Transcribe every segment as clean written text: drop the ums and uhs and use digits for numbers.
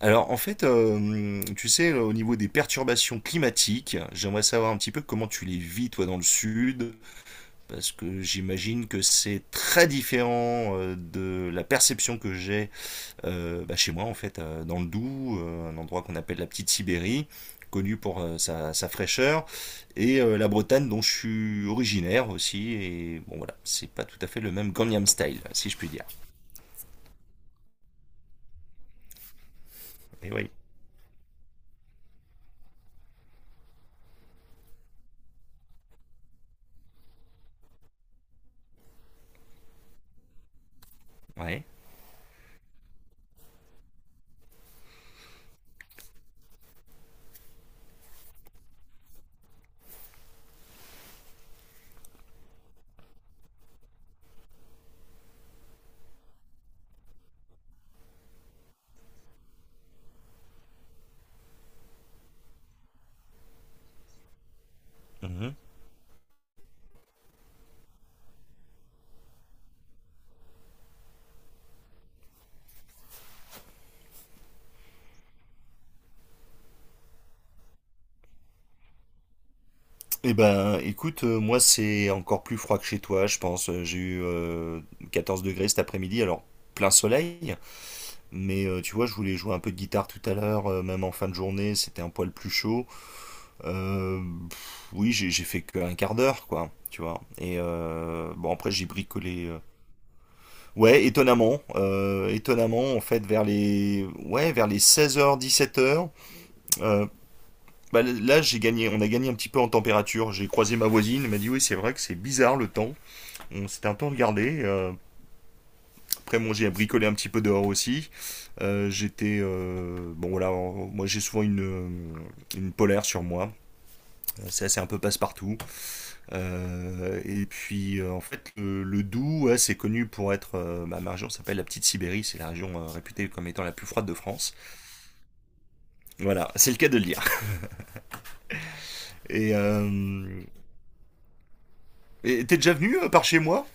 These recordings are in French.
Alors en fait, tu sais, au niveau des perturbations climatiques, j'aimerais savoir un petit peu comment tu les vis toi dans le sud, parce que j'imagine que c'est très différent, de la perception que j'ai bah, chez moi en fait, dans le Doubs, un endroit qu'on appelle la petite Sibérie, connu pour sa fraîcheur, et la Bretagne dont je suis originaire aussi, et bon voilà, c'est pas tout à fait le même Gangnam Style, si je puis dire. Et oui, ouais. Eh ben, écoute, moi c'est encore plus froid que chez toi, je pense. J'ai eu 14 degrés cet après-midi, alors plein soleil. Mais tu vois, je voulais jouer un peu de guitare tout à l'heure, même en fin de journée, c'était un poil plus chaud. Euh, oui, j'ai fait qu'un quart d'heure, quoi, tu vois. Et bon, après j'ai bricolé. Ouais, étonnamment, en fait, vers les 16h, 17h, euh, bah, là, j'ai gagné, on a gagné un petit peu en température. J'ai croisé ma voisine, elle m'a dit oui, c'est vrai que c'est bizarre le temps. On s'était un peu regardé. Après, bon, j'ai bricolé un petit peu dehors aussi. J'étais. Bon, voilà, moi j'ai souvent une polaire sur moi. Ça, c'est un peu passe-partout. Et puis, en fait, le Doubs, ouais, c'est connu pour être. Bah, ma région s'appelle la Petite Sibérie. C'est la région réputée comme étant la plus froide de France. Voilà, c'est le cas de le dire. Et. euh, et t'es déjà venu par chez moi?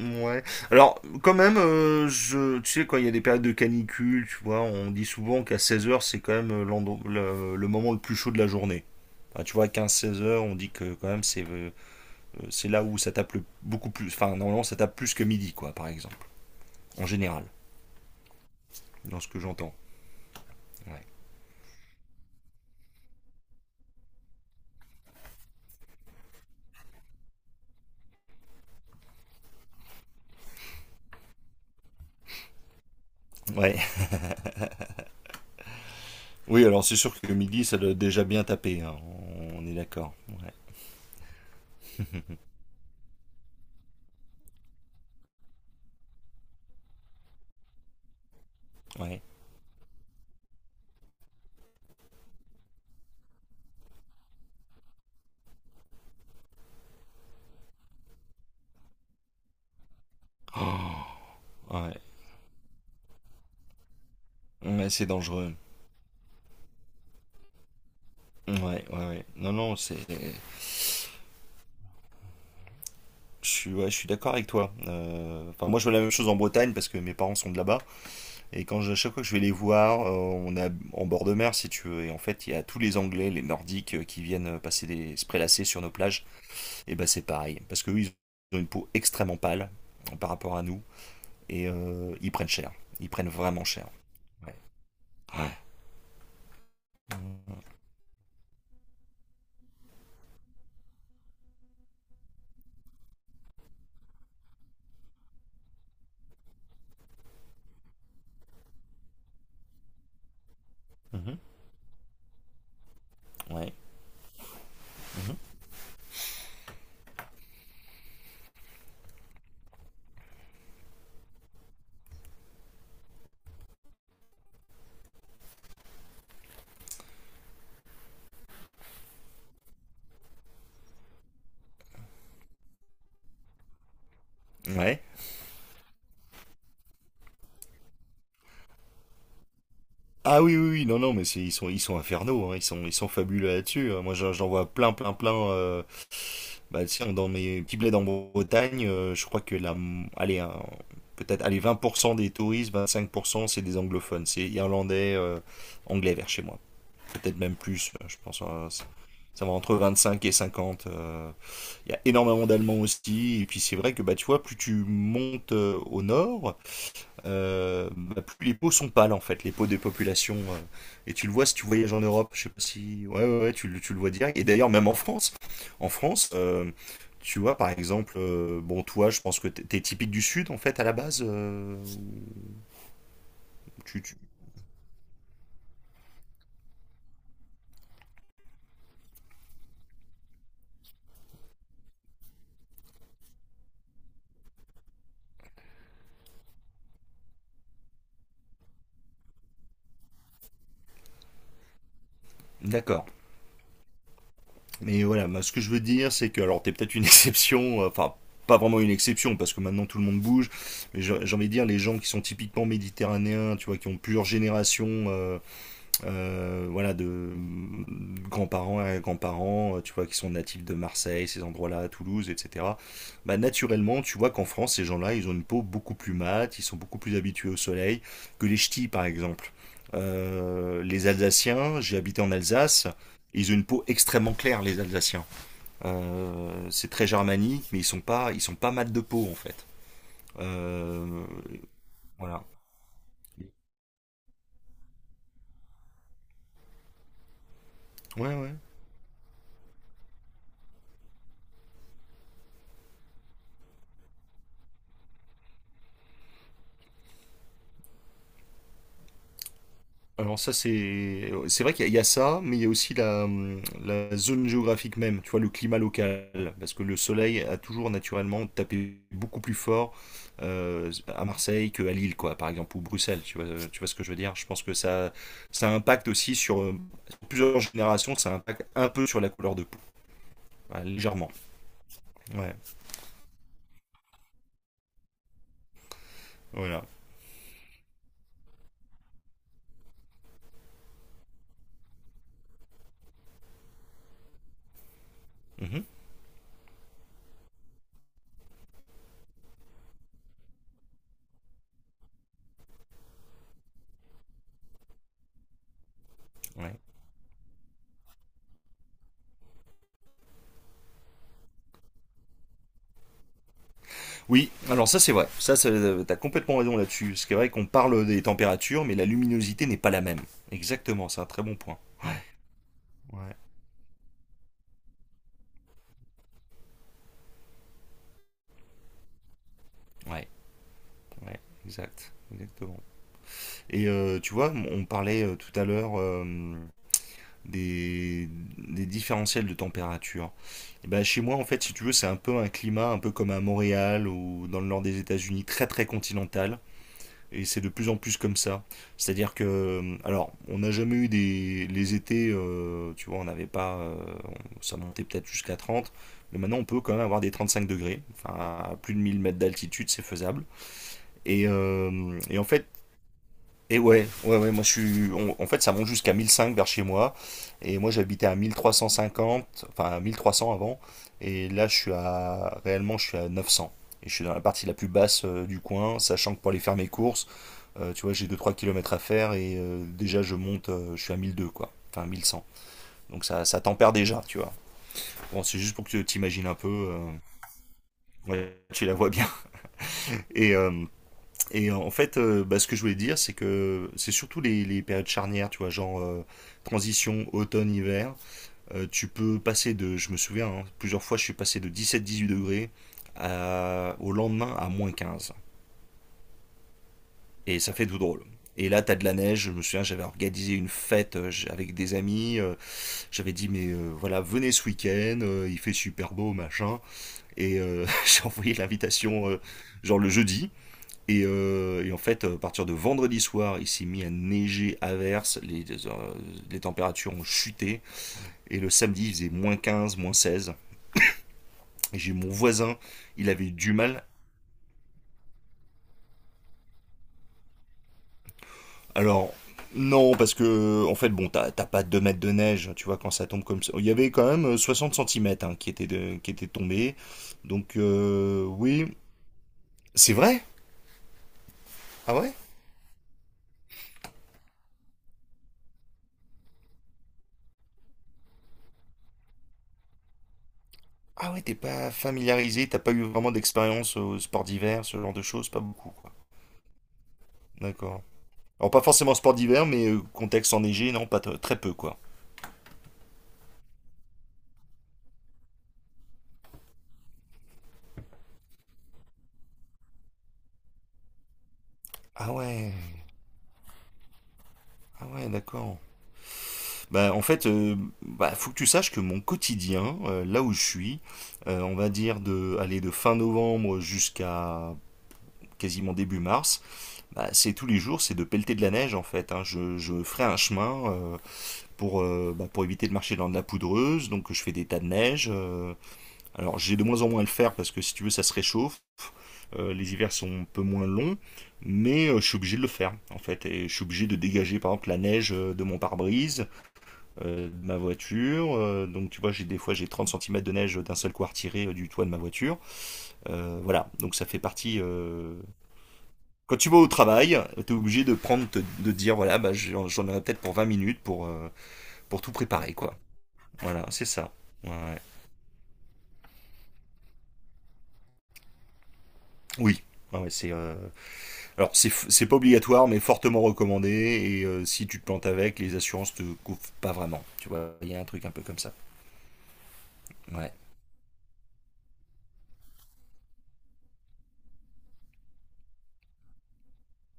Ouais. Alors, quand même, tu sais, quand il y a des périodes de canicule, tu vois, on dit souvent qu'à 16 heures, c'est quand même le moment le plus chaud de la journée. Enfin, tu vois, à 16 heures, on dit que quand même, c'est là où ça tape beaucoup plus. Enfin, normalement, ça tape plus que midi, quoi, par exemple. En général, dans ce que j'entends. Ouais. Ouais. Oui, alors c'est sûr que midi, ça doit déjà bien taper, hein. On est d'accord. Ouais. Ouais. Oh. Ouais, ouais c'est dangereux. Ouais, ouais, ouais. Non, non, c'est je suis d'accord avec toi. Enfin, moi, je vois la même chose en Bretagne parce que mes parents sont de là-bas. Et à chaque fois que je vais les voir, on est en bord de mer, si tu veux. Et en fait, il y a tous les Anglais, les Nordiques, qui viennent passer se prélasser sur nos plages. Et ben, c'est pareil. Parce que eux, ils ont une peau extrêmement pâle, par rapport à nous. Et ils prennent cher. Ils prennent vraiment cher. Ouais. Ouais. Mhm. Ouais. Mhm. Ouais. Ah oui, oui, oui, non, non, mais ils sont infernaux, hein, ils sont fabuleux là-dessus, hein. Moi, j'en vois plein, plein, plein. Bah, tiens, dans mes petits bleds en Bretagne, je crois que allez, peut-être, allez, 20% des touristes, 25%, c'est des anglophones, c'est irlandais, anglais vers chez moi. Peut-être même plus, je pense, ça va entre 25 et 50. Il y a énormément d'Allemands aussi, et puis c'est vrai que, bah, tu vois, plus tu montes au nord, bah, plus les peaux sont pâles en fait, les peaux des populations. Et tu le vois si tu voyages en Europe, je sais pas si. Ouais, ouais, ouais, tu le vois direct. Et d'ailleurs, même en France, tu vois par exemple, bon, toi, je pense que t'es typique du Sud en fait à la base. Tu, tu- D'accord. Mais voilà, bah, ce que je veux dire, c'est que alors t'es peut-être une exception, enfin. Pas vraiment une exception parce que maintenant tout le monde bouge, mais j'ai envie de dire les gens qui sont typiquement méditerranéens, tu vois, qui ont plusieurs générations, voilà, de grands-parents à grands-parents, tu vois, qui sont natifs de Marseille, ces endroits-là, Toulouse, etc. Bah, naturellement, tu vois qu'en France, ces gens-là, ils ont une peau beaucoup plus mate, ils sont beaucoup plus habitués au soleil que les ch'tis, par exemple. Les Alsaciens, j'ai habité en Alsace, ils ont une peau extrêmement claire, les Alsaciens. C'est très germanique, mais ils sont pas mat de peau en fait. Euh, voilà. Ouais, ouais. Alors ça c'est vrai qu'il y a ça, mais il y a aussi la zone géographique même, tu vois, le climat local, parce que le soleil a toujours naturellement tapé beaucoup plus fort, à Marseille qu'à Lille, quoi, par exemple, ou Bruxelles, tu vois ce que je veux dire? Je pense que ça impacte aussi sur plusieurs générations, ça impacte un peu sur la couleur de peau, ouais, légèrement. Ouais, voilà. Mhm, ouais. Oui, alors ça c'est vrai. Ça, t'as complètement raison là-dessus. C'est vrai qu'on parle des températures, mais la luminosité n'est pas la même. Exactement, c'est un très bon point. Ouais. Ouais, ouais, exact, exactement. Et tu vois, on parlait tout à l'heure, des, des différentiels de température. Et ben, chez moi, en fait, si tu veux, c'est un peu un climat, un peu comme à Montréal ou dans le nord des États-Unis, très très continental. Et c'est de plus en plus comme ça. C'est-à-dire que, alors, on n'a jamais eu les étés, tu vois, on n'avait pas, ça montait peut-être jusqu'à 30, mais maintenant on peut quand même avoir des 35 degrés, enfin, à plus de 1000 mètres d'altitude, c'est faisable. En fait, et ouais, ouais, ouais, moi je suis, on- en fait, ça monte jusqu'à 1005 vers chez moi, et moi j'habitais à 1350, enfin, à 1300 avant, et là je suis à, réellement, je suis à 900. Et je suis dans la partie la plus basse, du coin, sachant que pour aller faire mes courses, tu vois, j'ai deux trois kilomètres à faire et déjà je monte, je suis à 1002 quoi, enfin 1100. Donc ça tempère déjà, tu vois. Bon, c'est juste pour que tu t'imagines un peu. Ouais, tu la vois bien. Et, euh, et en fait, bah, ce que je voulais dire, c'est que c'est surtout les périodes charnières, tu vois, genre, transition automne-hiver. Tu peux passer je me souviens, hein, plusieurs fois je suis passé de 17-18 degrés au lendemain à -15. Et ça fait tout drôle. Et là, t'as de la neige. Je me souviens, j'avais organisé une fête avec des amis. J'avais dit, mais voilà, venez ce week-end, il fait super beau, machin. Et j'ai envoyé l'invitation, genre le jeudi. Et en fait, à partir de vendredi soir, il s'est mis à neiger à verse. Les températures ont chuté. Et le samedi, il faisait -15, -16. Et j'ai mon voisin, il avait eu du mal. Alors, non, parce que, en fait, bon, t'as pas 2 mètres de neige, tu vois, quand ça tombe comme ça. Il y avait quand même, 60 centimètres, hein, qui étaient, qui étaient tombés. Donc, oui. C'est vrai? Ah ouais? Ah ouais, t'es pas familiarisé, t'as pas eu vraiment d'expérience au sport d'hiver, ce genre de choses, pas beaucoup, quoi. D'accord. Alors, pas forcément sport d'hiver, mais contexte enneigé, non, pas t- très peu, quoi. Ah ouais, ah ouais, d'accord. Bah, en fait, bah, faut que tu saches que mon quotidien, là où je suis, on va dire de aller de fin novembre jusqu'à quasiment début mars, bah, c'est tous les jours, c'est de pelleter de la neige en fait, hein. Je ferai un chemin, pour éviter de marcher dans de la poudreuse, donc je fais des tas de neige. Alors j'ai de moins en moins à le faire parce que si tu veux ça se réchauffe. Les hivers sont un peu moins longs, mais je suis obligé de le faire en fait. Et je suis obligé de dégager par exemple la neige, de mon pare-brise, de ma voiture. Donc tu vois, j'ai des fois j'ai 30 centimètres de neige d'un seul coup à retirer, du toit de ma voiture. Voilà, donc ça fait partie. Quand tu vas au travail, t'es obligé de prendre, de dire voilà, bah, j'en aurai peut-être pour 20 minutes pour tout préparer, quoi. Voilà, c'est ça. Ouais. Ouais. Oui. Ouais, ouais, c'est alors c'est pas obligatoire mais fortement recommandé et si tu te plantes avec les assurances te couvrent pas vraiment, tu vois, il y a un truc un peu comme ça. Ouais,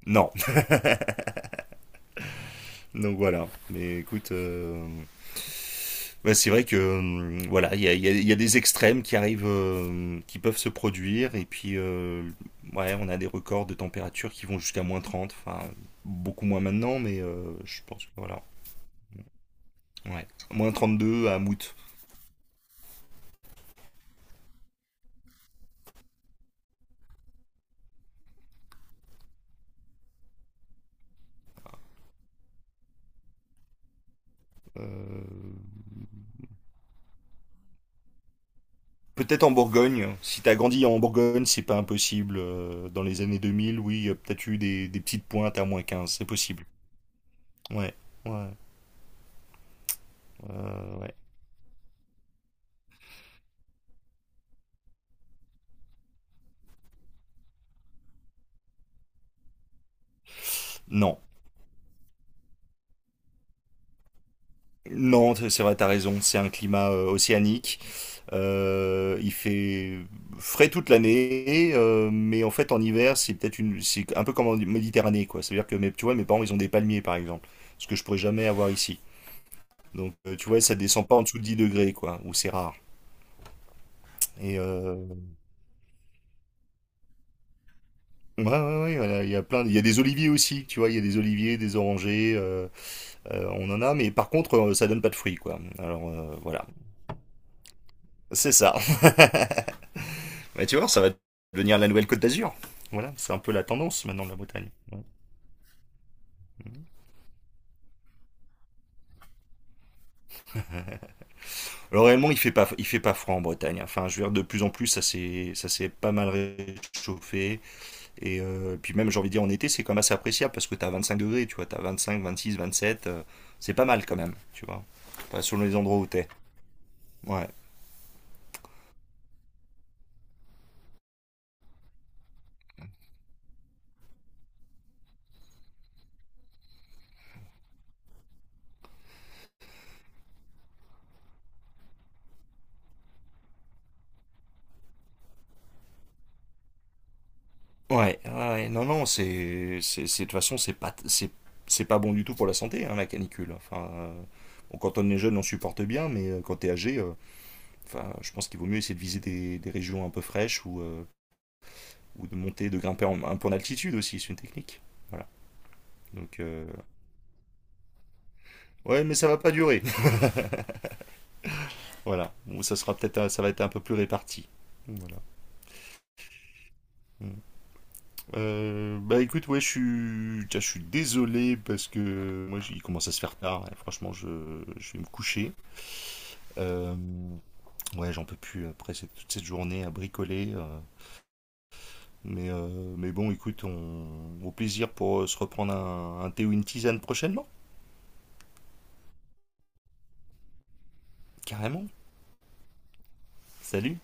non. Donc voilà. Mais écoute, bah, c'est vrai que voilà, il y a des extrêmes qui arrivent, qui peuvent se produire, et puis ouais, on a des records de température qui vont jusqu'à moins trente, enfin beaucoup moins maintenant, mais je pense que voilà. Ouais. Moins deux à Mout. Euh, Peut-être en Bourgogne. Si t'as grandi en Bourgogne, c'est pas impossible. Dans les années deux mille, oui, il y a peut-être eu des petites pointes à moins quinze, c'est possible. Ouais, ouais, ouais. Non, non, c'est vrai, t'as raison. C'est un climat océanique. Il fait frais toute l'année, mais en fait en hiver, c'est un peu comme en Méditerranée, quoi. C'est-à-dire que tu vois, mes parents, ils ont des palmiers, par exemple, ce que je pourrais jamais avoir ici. Donc, tu vois, ça descend pas en dessous de 10 degrés, quoi, ou c'est rare. Et ouais, voilà, il y a plein, il y a des oliviers aussi, tu vois, il y a des oliviers, des orangers, on en a, mais par contre, ça donne pas de fruits, quoi. Alors voilà, c'est ça. Bah, tu vois, ça va devenir la nouvelle Côte d'Azur. Voilà, c'est un peu la tendance maintenant de la Bretagne. Ouais. Alors réellement, il fait pas froid en Bretagne, hein. Enfin, je veux dire, de plus en plus, ça s'est pas mal réchauffé. Et puis même, j'ai envie de dire, en été, c'est quand même assez appréciable parce que t'as 25 degrés, tu vois, t'as 25, 26, 27, c'est pas mal quand même, tu vois. Enfin, selon les endroits où t'es. Ouais, ouais, ouais. Non, non, de toute façon, c'est pas bon du tout pour la santé, hein, la canicule. Enfin, bon, quand on est jeune, on supporte bien, mais quand t'es âgé, enfin, je pense qu'il vaut mieux essayer de viser des régions un peu fraîches, ou, ou de monter, de grimper un peu en altitude aussi, c'est une technique. Voilà. Donc, ouais, mais ça va pas durer. Voilà. Bon, ça va être un peu plus réparti. Voilà. Mm. Bah écoute, ouais, tiens, je suis désolé parce que moi, il commence à se faire tard. Et franchement, je vais me coucher. Euh, ouais, j'en peux plus après toute cette journée à bricoler. Mais, mais bon, écoute, au plaisir pour se reprendre un thé ou une tisane prochainement. Carrément. Salut.